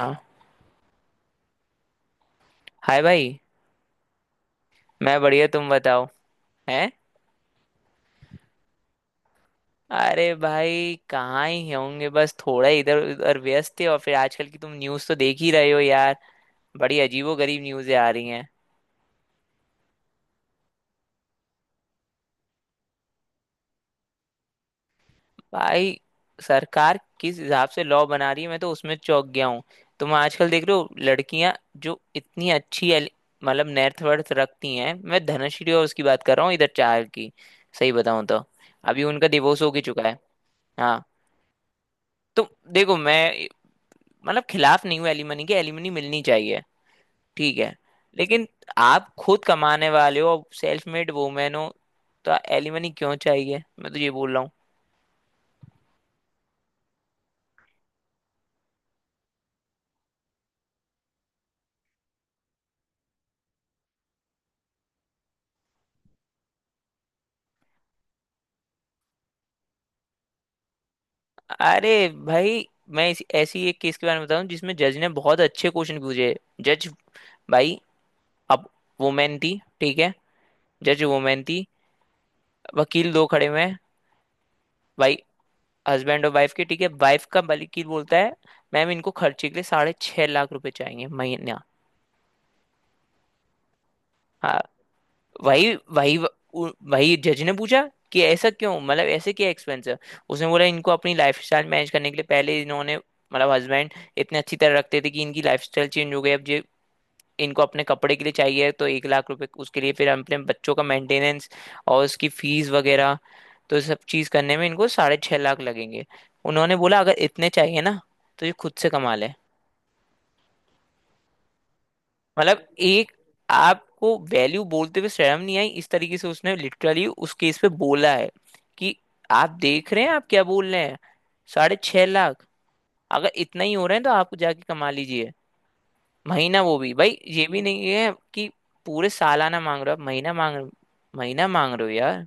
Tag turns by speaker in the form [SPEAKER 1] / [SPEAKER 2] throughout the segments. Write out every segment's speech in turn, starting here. [SPEAKER 1] हाँ। हाय भाई। मैं बढ़िया, तुम बताओ। हैं। अरे भाई कहाँ ही होंगे, बस थोड़ा इधर उधर व्यस्त थे। और फिर आजकल की तुम न्यूज़ तो देख ही रहे हो यार। बड़ी अजीबो गरीब न्यूज़ें आ रही हैं। भाई सरकार किस हिसाब से लॉ बना रही है, मैं तो उसमें चौंक गया हूँ। तुम आजकल देख रहे हो लड़कियां जो इतनी अच्छी मतलब नेट वर्थ रखती हैं। मैं धनश्री और उसकी बात कर रहा हूँ, इधर चार की। सही बताऊँ तो अभी उनका डिवोर्स हो भी चुका है। हाँ। तो देखो मैं मतलब खिलाफ नहीं हूँ एलिमनी के। एलिमनी मिलनी चाहिए, ठीक है। लेकिन आप खुद कमाने वाले हो, सेल्फ मेड वुमेन हो, तो एलिमनी क्यों चाहिए, मैं तो ये बोल रहा हूँ। अरे भाई, मैं ऐसी एक केस के बारे में बताऊं जिसमें जज ने बहुत अच्छे क्वेश्चन पूछे। जज, भाई, अब वुमेन थी, ठीक है। जज वुमेन थी। वकील दो खड़े हुए हैं भाई, हस्बैंड और वाइफ के, ठीक है। वाइफ का वकील बोलता है मैम इनको खर्चे के लिए 6.5 लाख रुपए चाहिए महीना। हाँ, वही वही उ- वही जज ने पूछा कि ऐसा क्यों, मतलब ऐसे क्या एक्सपेंस है। उसने बोला इनको अपनी लाइफ स्टाइल मैनेज करने के लिए पहले इन्होंने मतलब हस्बैंड इतने अच्छी तरह रखते थे कि इनकी लाइफ स्टाइल चेंज हो गई। अब ये इनको अपने कपड़े के लिए चाहिए तो 1 लाख रुपए, उसके लिए फिर अपने बच्चों का मेंटेनेंस और उसकी फीस वगैरह। तो सब चीज करने में इनको 6.5 लाख लगेंगे। उन्होंने बोला अगर इतने चाहिए ना तो ये खुद से कमा ले। मतलब एक, आपको वैल्यू बोलते हुए शर्म नहीं आई? इस तरीके से उसने लिटरली उस केस पे बोला है कि आप देख रहे हैं आप क्या बोल रहे हैं। साढ़े छह लाख। अगर इतना ही हो रहे हैं तो आप जाके कमा लीजिए। महीना, वो भी भाई, ये भी नहीं है कि पूरे सालाना मांग रहे हो आप, महीना मांग, महीना मांग रहे हो यार।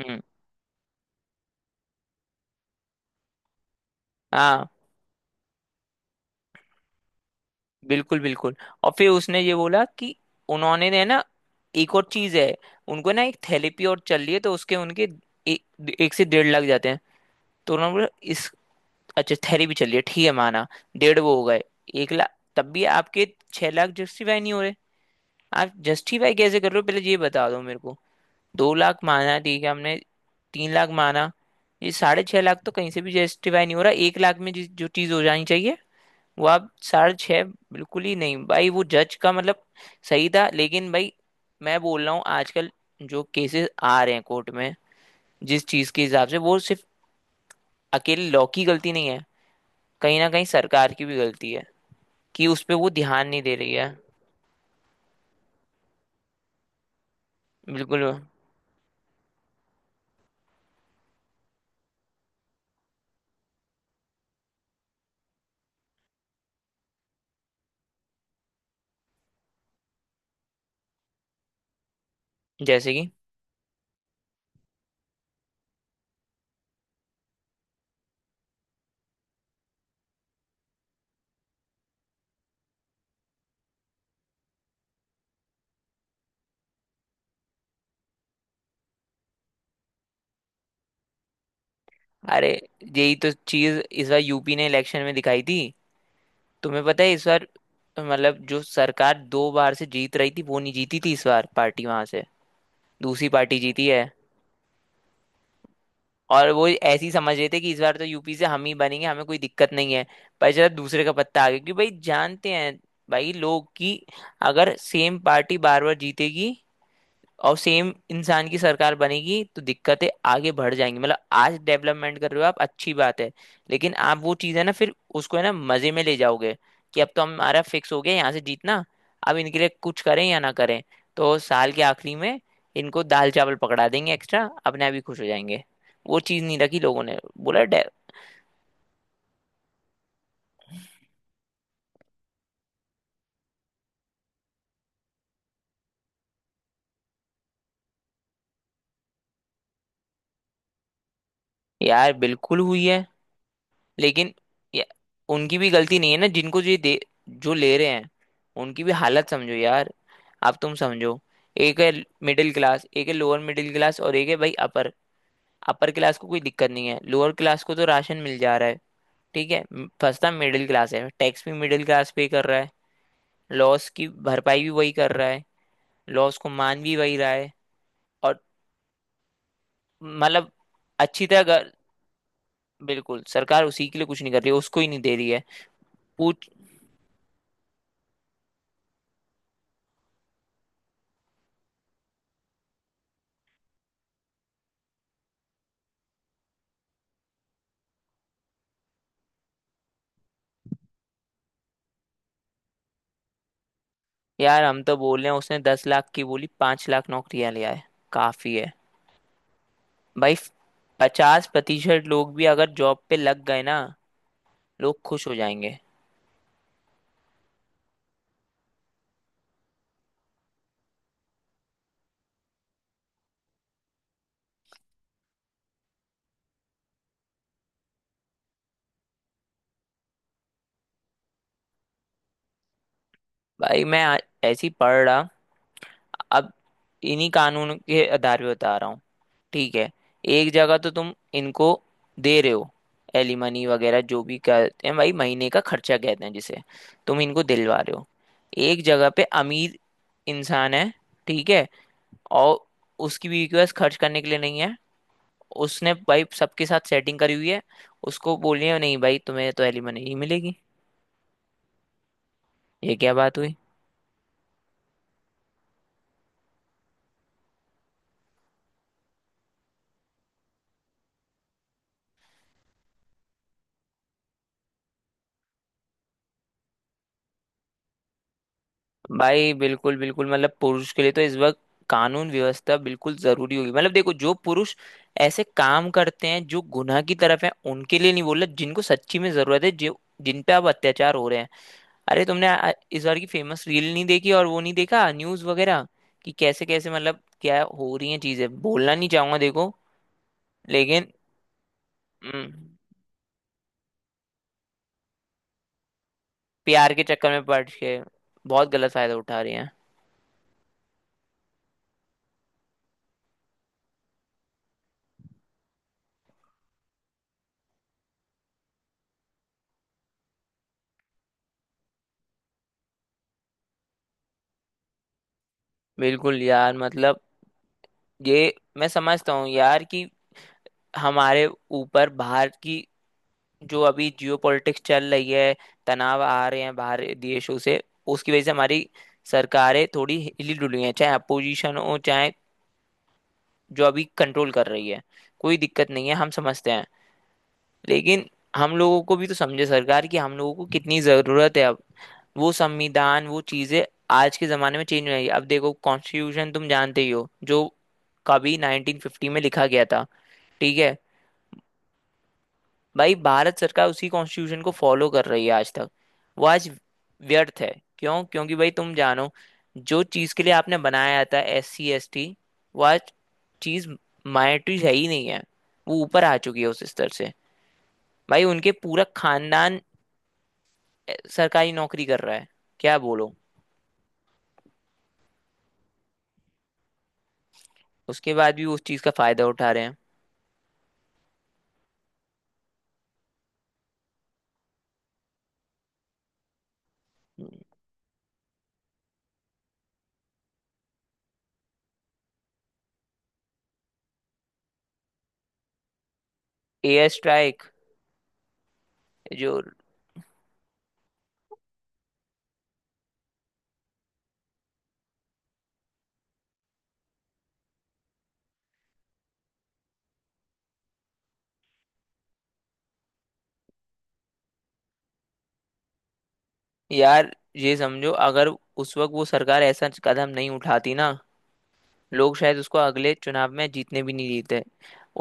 [SPEAKER 1] हम्म। हाँ। बिल्कुल बिल्कुल। और फिर उसने ये बोला कि उन्होंने ने ना एक और चीज है, उनको ना एक थेरेपी और चल रही है तो उसके उनके ए, 1 से 1.5 लाख जाते हैं। तो उन्होंने बोला इस अच्छा थेरेपी चल रही है, ठीक है, माना। डेढ़ वो हो गए, 1 लाख तब भी आपके। 6 लाख जस्टिफाई नहीं हो रहे, आप जस्टिफाई कैसे कर रहे हो, पहले ये बता दो मेरे को। 2 लाख माना ठीक है हमने, 3 लाख माना। ये 6.5 लाख तो कहीं से भी जस्टिफाई नहीं हो रहा। 1 लाख में जिस जो चीज़ हो जानी चाहिए, वो आप साढ़े छह, बिल्कुल ही नहीं भाई। वो जज का मतलब सही था, लेकिन भाई मैं बोल रहा हूँ आजकल जो केसेस आ रहे हैं कोर्ट में, जिस चीज़ के हिसाब से, वो सिर्फ अकेले लॉ की गलती नहीं है। कहीं ना कहीं सरकार की भी गलती है कि उस पे वो ध्यान नहीं दे रही है। बिल्कुल। जैसे कि, अरे यही तो चीज इस बार यूपी ने इलेक्शन में दिखाई थी। तुम्हें पता है इस बार मतलब जो सरकार दो बार से जीत रही थी वो नहीं जीती थी, इस बार पार्टी वहां से दूसरी पार्टी जीती है। और वो ऐसी समझ रहे थे कि इस बार तो यूपी से हम ही बनेंगे, हमें कोई दिक्कत नहीं है। पर जरा दूसरे का पत्ता आ गया, क्योंकि भाई जानते हैं भाई लोग कि अगर सेम पार्टी बार बार जीतेगी और सेम इंसान की सरकार बनेगी तो दिक्कतें आगे बढ़ जाएंगी। मतलब आज डेवलपमेंट कर रहे हो आप, अच्छी बात है। लेकिन आप वो चीज़ है ना, फिर उसको है ना मजे में ले जाओगे कि अब तो हमारा फिक्स हो गया यहाँ से जीतना, अब इनके लिए कुछ करें या ना करें। तो साल के आखिरी में इनको दाल चावल पकड़ा देंगे एक्स्ट्रा, अपने आप ही खुश हो जाएंगे। वो चीज़ नहीं रखी लोगों ने, बोला डे। यार बिल्कुल हुई है, लेकिन ये- उनकी भी गलती नहीं है ना जिनको ये दे, जो ले रहे हैं उनकी भी हालत समझो यार। अब तुम समझो, एक है मिडिल क्लास, एक है लोअर मिडिल क्लास, और एक है भाई अपर। अपर क्लास को कोई दिक्कत नहीं है, लोअर क्लास को तो राशन मिल जा रहा है, ठीक है। फंसता मिडिल क्लास है। टैक्स भी मिडिल क्लास पे कर रहा है, लॉस की भरपाई भी वही कर रहा है, लॉस को मान भी वही रहा है। और मतलब अच्छी तरह अगर- बिल्कुल सरकार उसी के लिए कुछ नहीं कर रही है, उसको ही नहीं दे रही है। पूछ। यार हम तो बोल रहे हैं उसने 10 लाख की बोली, 5 लाख नौकरियां लिया है, काफी है भाई। 50% लोग भी अगर जॉब पे लग गए ना, लोग खुश हो जाएंगे। भाई ऐसी पढ़ रहा, अब इन्हीं कानून के आधार पे बता रहा हूँ, ठीक है। एक जगह तो तुम इनको दे रहे हो एलिमनी वगैरह जो भी कहते हैं भाई, महीने का खर्चा कहते हैं जिसे, तुम इनको दिलवा रहे हो। एक जगह पे अमीर इंसान है, ठीक है, और उसकी बीवी के पास खर्च करने के लिए नहीं है, उसने भाई सबके साथ सेटिंग करी हुई है, उसको बोलिए नहीं भाई तुम्हें तो एलिमनी नहीं मिलेगी। ये क्या बात हुई। भाई बिल्कुल बिल्कुल, मतलब पुरुष के लिए तो इस वक्त कानून व्यवस्था बिल्कुल जरूरी होगी। मतलब देखो जो पुरुष ऐसे काम करते हैं जो गुनाह की तरफ है उनके लिए नहीं बोल रहा, जिनको सच्ची में जरूरत है जो जिन पे अब अत्याचार हो रहे हैं। अरे इस बार की फेमस रील नहीं देखी और वो नहीं देखा न्यूज वगैरह कि कैसे कैसे मतलब क्या हो रही हैं चीजें। बोलना नहीं चाहूंगा देखो, लेकिन। हम्म, प्यार के चक्कर में पड़ के बहुत गलत फायदा उठा रहे हैं। बिल्कुल यार, मतलब ये मैं समझता हूँ यार कि हमारे ऊपर बाहर की जो अभी जियो पॉलिटिक्स चल रही है, तनाव आ रहे हैं बाहर देशों से, उसकी वजह से हमारी सरकारें थोड़ी हिली डुली हैं, चाहे अपोजिशन हो चाहे जो अभी कंट्रोल कर रही है, कोई दिक्कत नहीं है, हम समझते हैं। लेकिन हम लोगों को भी तो समझे सरकार, कि हम लोगों को कितनी ज़रूरत है अब। वो संविधान, वो चीज़ें आज के ज़माने में चेंज हो रही है। अब देखो कॉन्स्टिट्यूशन तुम जानते ही हो जो कभी 1950 में लिखा गया था, ठीक है। भाई भारत सरकार उसी कॉन्स्टिट्यूशन को फॉलो कर रही है आज तक। वो आज व्यर्थ है। क्यों? क्योंकि भाई तुम जानो जो चीज के लिए आपने बनाया था एससीएसटी, वो आज चीज माइनॉरिटी है ही नहीं है, वो ऊपर आ चुकी है उस स्तर से। भाई उनके पूरा खानदान सरकारी नौकरी कर रहा है, क्या बोलो। उसके बाद भी वो उस चीज का फायदा उठा रहे हैं। Air strike. जो, यार ये समझो अगर उस वक्त वो सरकार ऐसा कदम नहीं उठाती ना, लोग शायद उसको अगले चुनाव में जीतने भी नहीं देते।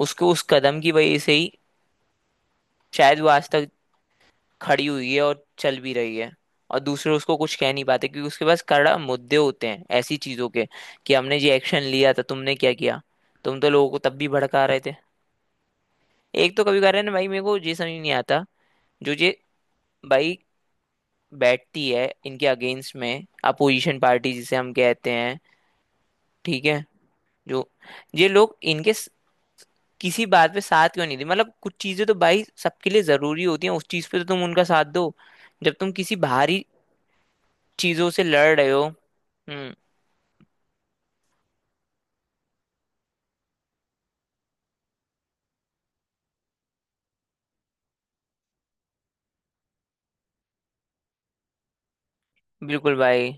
[SPEAKER 1] उसको उस कदम की वजह से ही शायद वो आज तक खड़ी हुई है और चल भी रही है। और दूसरे उसको कुछ कह नहीं पाते क्योंकि उसके पास कड़ा मुद्दे होते हैं ऐसी चीजों के, कि हमने ये एक्शन लिया था, तुमने क्या किया। तुम तो लोगों को तब भी भड़का रहे थे। एक तो कभी कह रहे ना भाई, मेरे को ये समझ नहीं आता जो ये भाई बैठती है इनके अगेंस्ट में अपोजिशन पार्टी जिसे हम कहते हैं, ठीक है। जो ये लोग इनके किसी बात पे साथ क्यों नहीं दी, मतलब कुछ चीजें तो भाई सबके लिए जरूरी होती हैं, उस चीज पे तो तुम उनका साथ दो जब तुम किसी बाहरी चीजों से लड़ रहे हो। हम्म। बिल्कुल भाई।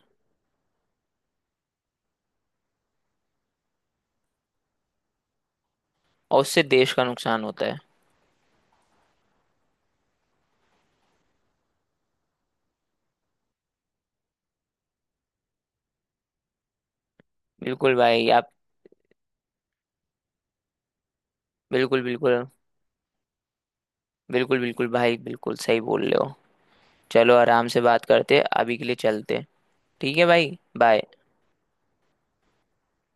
[SPEAKER 1] और उससे देश का नुकसान होता है। बिल्कुल भाई आप। बिल्कुल बिल्कुल। बिल्कुल बिल्कुल भाई, बिल्कुल सही बोल रहे हो। चलो आराम से बात करते, अभी के लिए चलते। ठीक है भाई, बाय।